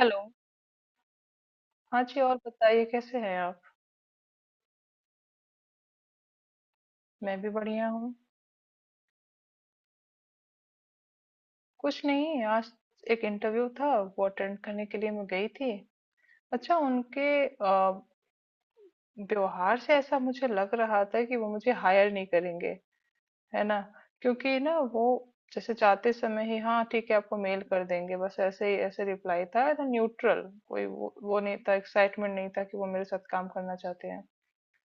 Hello. हाँ जी, और बताइए कैसे हैं आप? मैं भी बढ़िया हूँ। कुछ नहीं, आज एक इंटरव्यू था। वो अटेंड करने के लिए मैं गई थी। अच्छा, उनके व्यवहार से ऐसा मुझे लग रहा था कि वो मुझे हायर नहीं करेंगे, है ना। क्योंकि ना वो जैसे जाते समय ही, हाँ ठीक है आपको मेल कर देंगे, बस ऐसे ही, ऐसे रिप्लाई था ना, न्यूट्रल। कोई वो नहीं था, एक्साइटमेंट नहीं था कि वो मेरे साथ काम करना चाहते हैं।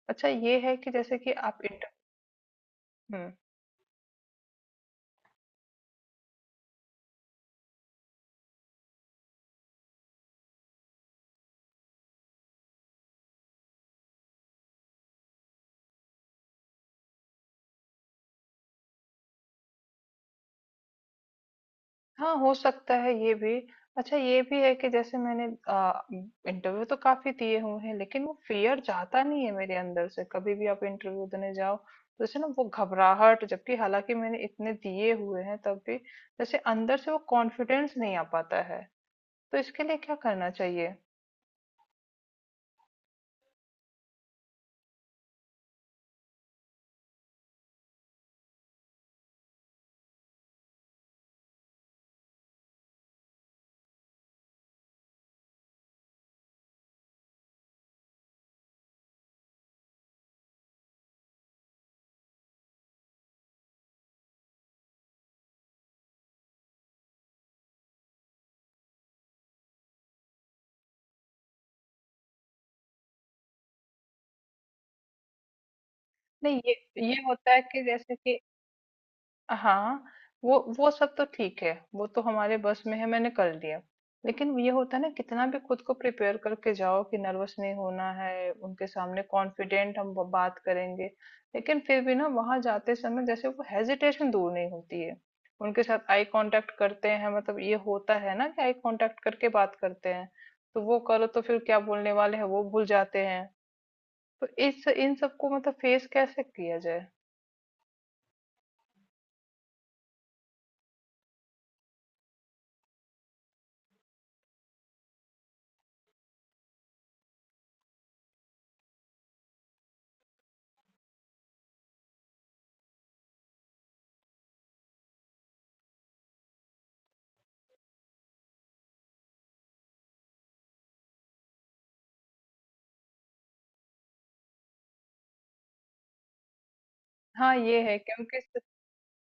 अच्छा, ये है कि जैसे कि आप इंटर हाँ, हो सकता है ये भी। अच्छा, ये भी है कि जैसे मैंने इंटरव्यू तो काफ़ी दिए हुए हैं, लेकिन वो फ़ियर जाता नहीं है मेरे अंदर से। कभी भी आप इंटरव्यू देने जाओ तो जैसे ना वो घबराहट, जबकि हालाँकि मैंने इतने दिए हुए हैं, तब भी जैसे अंदर से वो कॉन्फिडेंस नहीं आ पाता है। तो इसके लिए क्या करना चाहिए? नहीं ये ये होता है कि जैसे कि हाँ, वो सब तो ठीक है, वो तो हमारे बस में है, मैंने कर लिया। लेकिन ये होता है ना, कितना भी खुद को प्रिपेयर करके जाओ कि नर्वस नहीं होना है, उनके सामने कॉन्फिडेंट हम बात करेंगे, लेकिन फिर भी ना वहां जाते समय जैसे वो हेजिटेशन दूर नहीं होती है। उनके साथ आई कांटेक्ट करते हैं, मतलब ये होता है ना कि आई कांटेक्ट करके बात करते हैं, तो वो करो तो फिर क्या बोलने वाले हैं वो भूल जाते हैं। तो इस इन सबको मतलब फेस कैसे किया जाए? हाँ, ये है। क्योंकि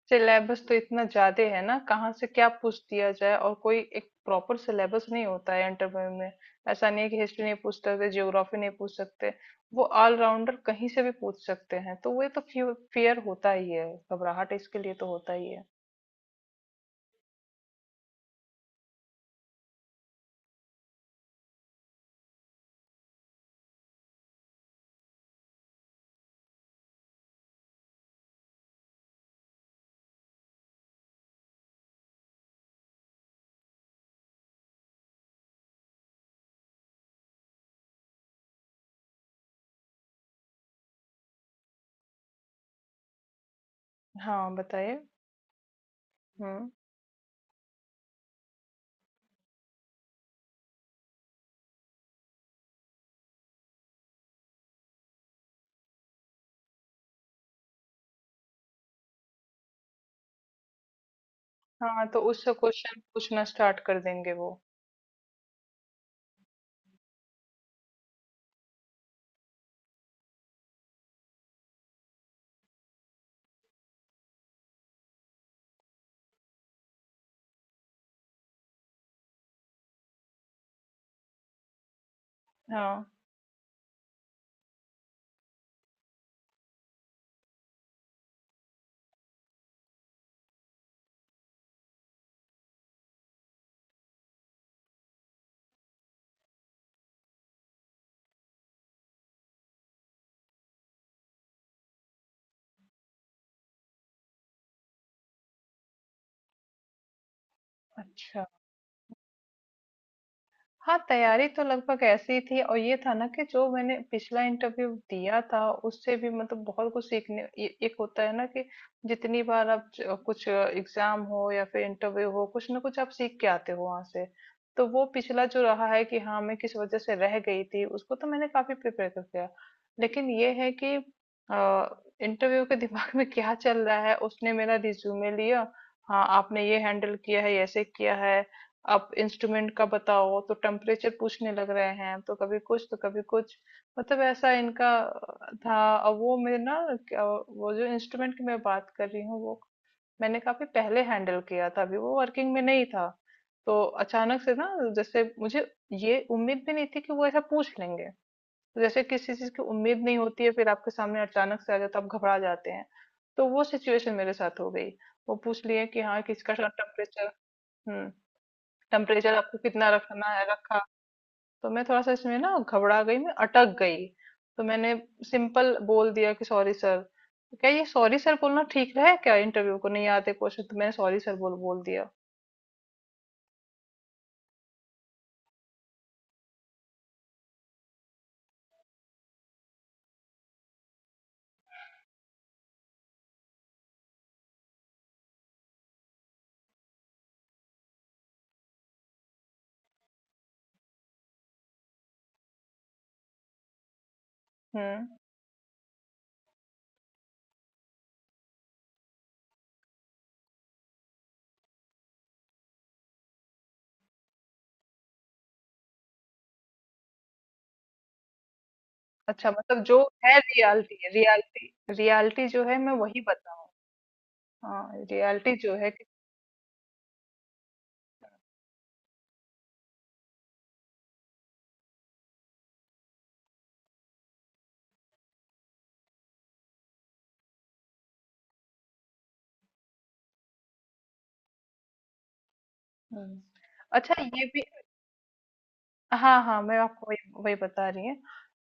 सिलेबस तो इतना ज्यादा है ना, कहाँ से क्या पूछ दिया जाए, और कोई एक प्रॉपर सिलेबस नहीं होता है इंटरव्यू में। ऐसा नहीं है कि हिस्ट्री नहीं पूछ सकते, ज्योग्राफी नहीं पूछ सकते। वो ऑलराउंडर कहीं से भी पूछ सकते हैं, तो वो तो फियर होता ही है, घबराहट इसके लिए तो होता ही है। हाँ बताइए। हम्म। हाँ, तो उससे क्वेश्चन पूछना स्टार्ट कर देंगे वो। हाँ। अच्छा। हाँ, तैयारी तो लगभग ऐसी थी। और ये था ना कि जो मैंने पिछला इंटरव्यू दिया था उससे भी मतलब बहुत कुछ सीखने, एक होता है ना कि जितनी बार आप कुछ एग्जाम हो या फिर इंटरव्यू हो, कुछ ना कुछ आप सीख के आते हो वहां से। तो वो पिछला जो रहा है कि हाँ मैं किस वजह से रह गई थी, उसको तो मैंने काफी प्रिपेयर कर दिया। लेकिन ये है कि इंटरव्यू के दिमाग में क्या चल रहा है, उसने मेरा रिज्यूमे लिया। हाँ आपने ये हैंडल किया है, ऐसे किया है, आप इंस्ट्रूमेंट का बताओ तो टेम्परेचर पूछने लग रहे हैं, तो कभी कुछ तो कभी कुछ, मतलब ऐसा इनका था। और वो मैं ना, क्या- वो जो इंस्ट्रूमेंट की मैं बात कर रही हूँ, वो मैंने काफी पहले हैंडल किया था, अभी वो वर्किंग में नहीं था। तो अचानक से ना जैसे मुझे ये उम्मीद भी नहीं थी कि वो ऐसा पूछ लेंगे। तो जैसे किसी चीज की उम्मीद नहीं होती है, फिर आपके सामने अचानक से आ जाता है, आप घबरा जाते हैं। तो वो सिचुएशन मेरे साथ हो गई। वो पूछ लिए कि हाँ किसका टेम्परेचर। हम्म। टेम्परेचर आपको कितना रखना है, रखा। तो मैं थोड़ा सा इसमें ना घबरा गई, मैं अटक गई। तो मैंने सिंपल बोल दिया कि सॉरी सर। तो क्या ये सॉरी सर बोलना ठीक रहा है क्या, इंटरव्यू को नहीं आते क्वेश्चन तो मैंने सॉरी सर बोल बोल दिया। हम्म। अच्छा, मतलब जो है रियलिटी रियलिटी, रियलिटी जो है मैं वही बताऊं। हाँ, रियलिटी जो है कि। हम्म। अच्छा ये भी। हाँ, हाँ, मैं आपको वही वही बता रही हैं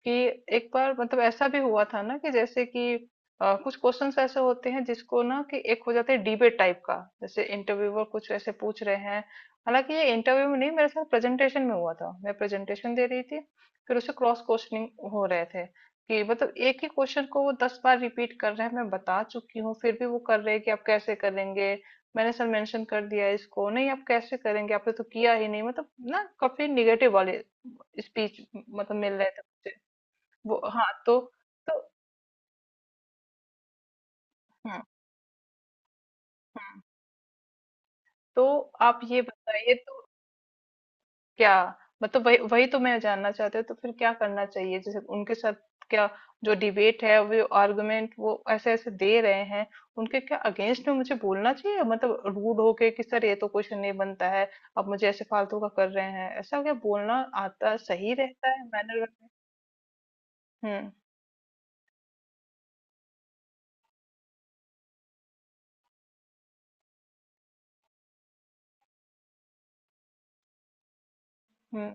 कि एक बार मतलब ऐसा भी हुआ था ना कि जैसे कि कुछ क्वेश्चंस ऐसे होते हैं जिसको ना कि एक हो जाता है डिबेट टाइप का, जैसे इंटरव्यूअर कुछ ऐसे पूछ रहे हैं। हालांकि ये इंटरव्यू में नहीं, मेरे साथ प्रेजेंटेशन में हुआ था, मैं प्रेजेंटेशन दे रही थी। फिर उसे क्रॉस क्वेश्चनिंग हो रहे थे कि मतलब एक ही क्वेश्चन को वो दस बार रिपीट कर रहे हैं, मैं बता चुकी हूँ फिर भी वो कर रहे हैं कि आप कैसे करेंगे। मैंने सर मेंशन कर दिया है, इसको नहीं, आप कैसे करेंगे आपने तो किया ही नहीं, मतलब ना काफी निगेटिव वाले स्पीच मतलब मिल रहे थे मुझे। वो, हाँ तो। तो। हम्म। हम्म। तो आप ये बताइए तो। क्या, मतलब वही वही तो मैं जानना चाहती हूँ, तो फिर क्या करना चाहिए जैसे उनके साथ। क्या जो डिबेट है वो, आर्गुमेंट वो ऐसे ऐसे दे रहे हैं, उनके क्या अगेंस्ट में मुझे बोलना चाहिए, मतलब रूड होके कि सर ये तो क्वेश्चन नहीं बनता है, आप मुझे ऐसे फालतू का कर रहे हैं, ऐसा क्या बोलना आता सही रहता है मैनर में। हम्म। हम्म।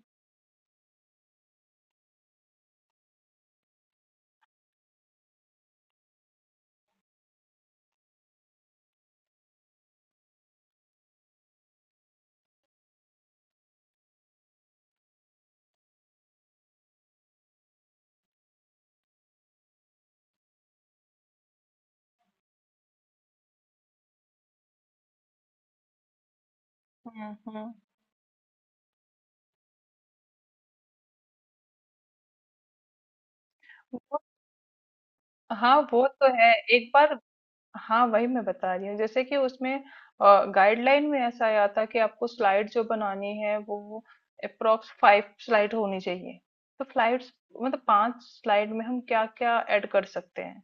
हम्म। हम्म। वो- हाँ वो तो है एक बार। हाँ वही मैं बता रही हूँ, जैसे कि उसमें गाइडलाइन में ऐसा आया था कि आपको स्लाइड जो बनानी है वो अप्रोक्स फाइव स्लाइड होनी चाहिए। तो फ्लाइड्स मतलब पांच स्लाइड में हम क्या क्या ऐड कर सकते हैं,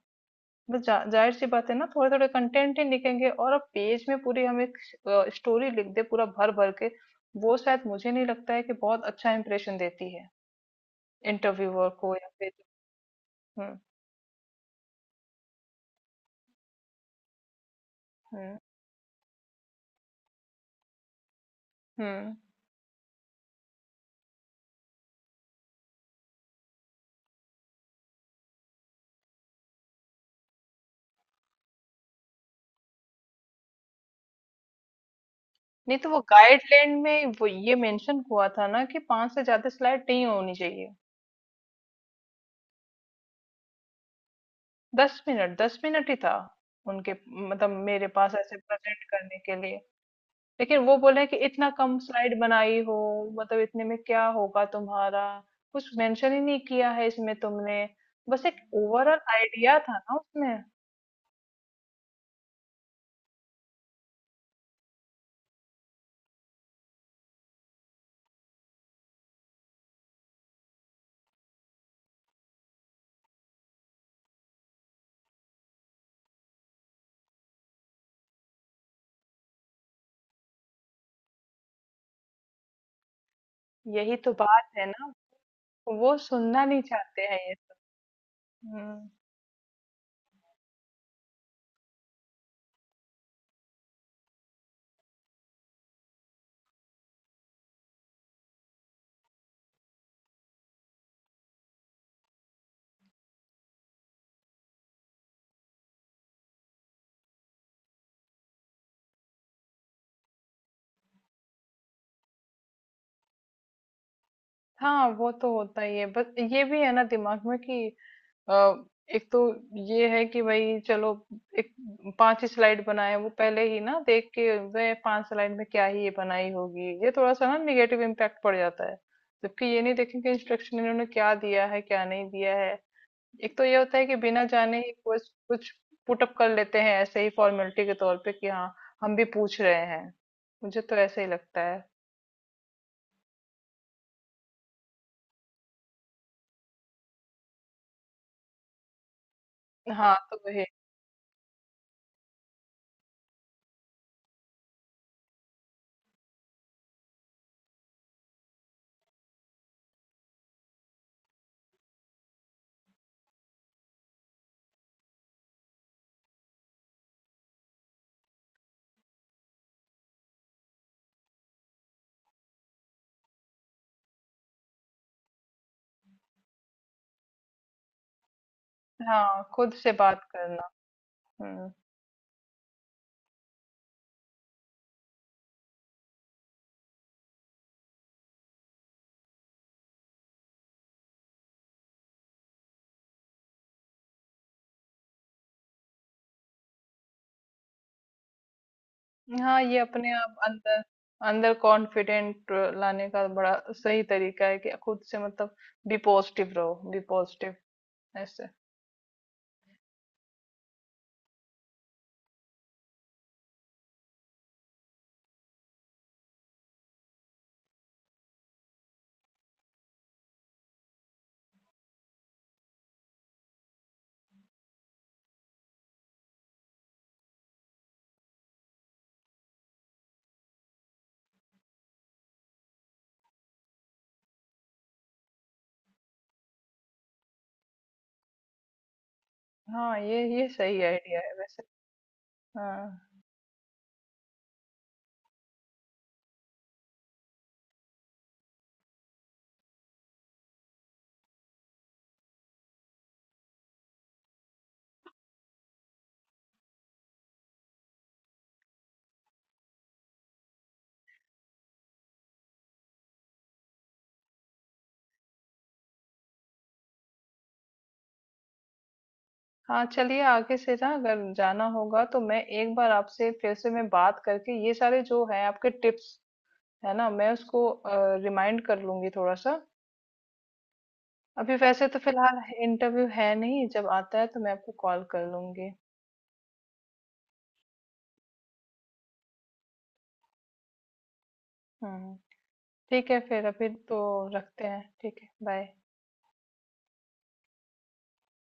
बस जाहिर सी बात है ना, थोड़े थोड़े कंटेंट ही लिखेंगे। और अब पेज में पूरी हम एक स्टोरी लिख दे पूरा भर भर के, वो शायद मुझे नहीं लगता है कि बहुत अच्छा इंप्रेशन देती है इंटरव्यूअर को, या फिर। हम्म। हम्म। हम्म। नहीं, तो वो गाइडलाइन में वो ये मेंशन हुआ था ना कि पांच से ज्यादा स्लाइड नहीं होनी चाहिए। दस मिनट ही था उनके, मतलब मेरे पास ऐसे प्रेजेंट करने के लिए। लेकिन वो बोले कि इतना कम स्लाइड बनाई हो, मतलब इतने में क्या होगा तुम्हारा, कुछ मेंशन ही नहीं किया है इसमें तुमने। बस एक ओवरऑल आइडिया था ना उसमें। यही तो बात है ना, वो सुनना नहीं चाहते हैं ये। हम्म। हाँ वो तो होता ही है। बस ये भी है ना दिमाग में कि अ, एक तो ये है कि भाई चलो एक पांच ही स्लाइड बनाए, वो पहले ही ना देख के, वे पांच स्लाइड में क्या ही ये बनाई होगी, ये थोड़ा सा ना निगेटिव इम्पैक्ट पड़ जाता है। जबकि ये नहीं देखें कि इंस्ट्रक्शन इन्होंने क्या दिया है क्या नहीं दिया है। एक तो ये होता है कि बिना जाने ही कुछ कुछ पुटअप कर लेते हैं ऐसे ही फॉर्मेलिटी के तौर पे कि हाँ हम भी पूछ रहे हैं। मुझे तो ऐसे ही लगता है। हाँ तो वही। हाँ खुद से बात करना। हम्म। हाँ, ये अपने आप अंदर, अंदर कॉन्फिडेंट लाने का बड़ा सही तरीका है कि खुद से मतलब बी पॉजिटिव रहो, बी पॉजिटिव, ऐसे। हाँ ये सही आइडिया है वैसे। हाँ। हाँ, चलिए आगे से ना अगर जाना होगा तो मैं एक बार आपसे फिर से मैं बात करके ये सारे जो है आपके टिप्स, है ना, मैं उसको रिमाइंड कर लूंगी थोड़ा सा। अभी वैसे तो फिलहाल इंटरव्यू है नहीं, जब आता है तो मैं आपको कॉल कर लूंगी। हम्म। ठीक है, फिर अभी तो रखते हैं। ठीक है, बाय।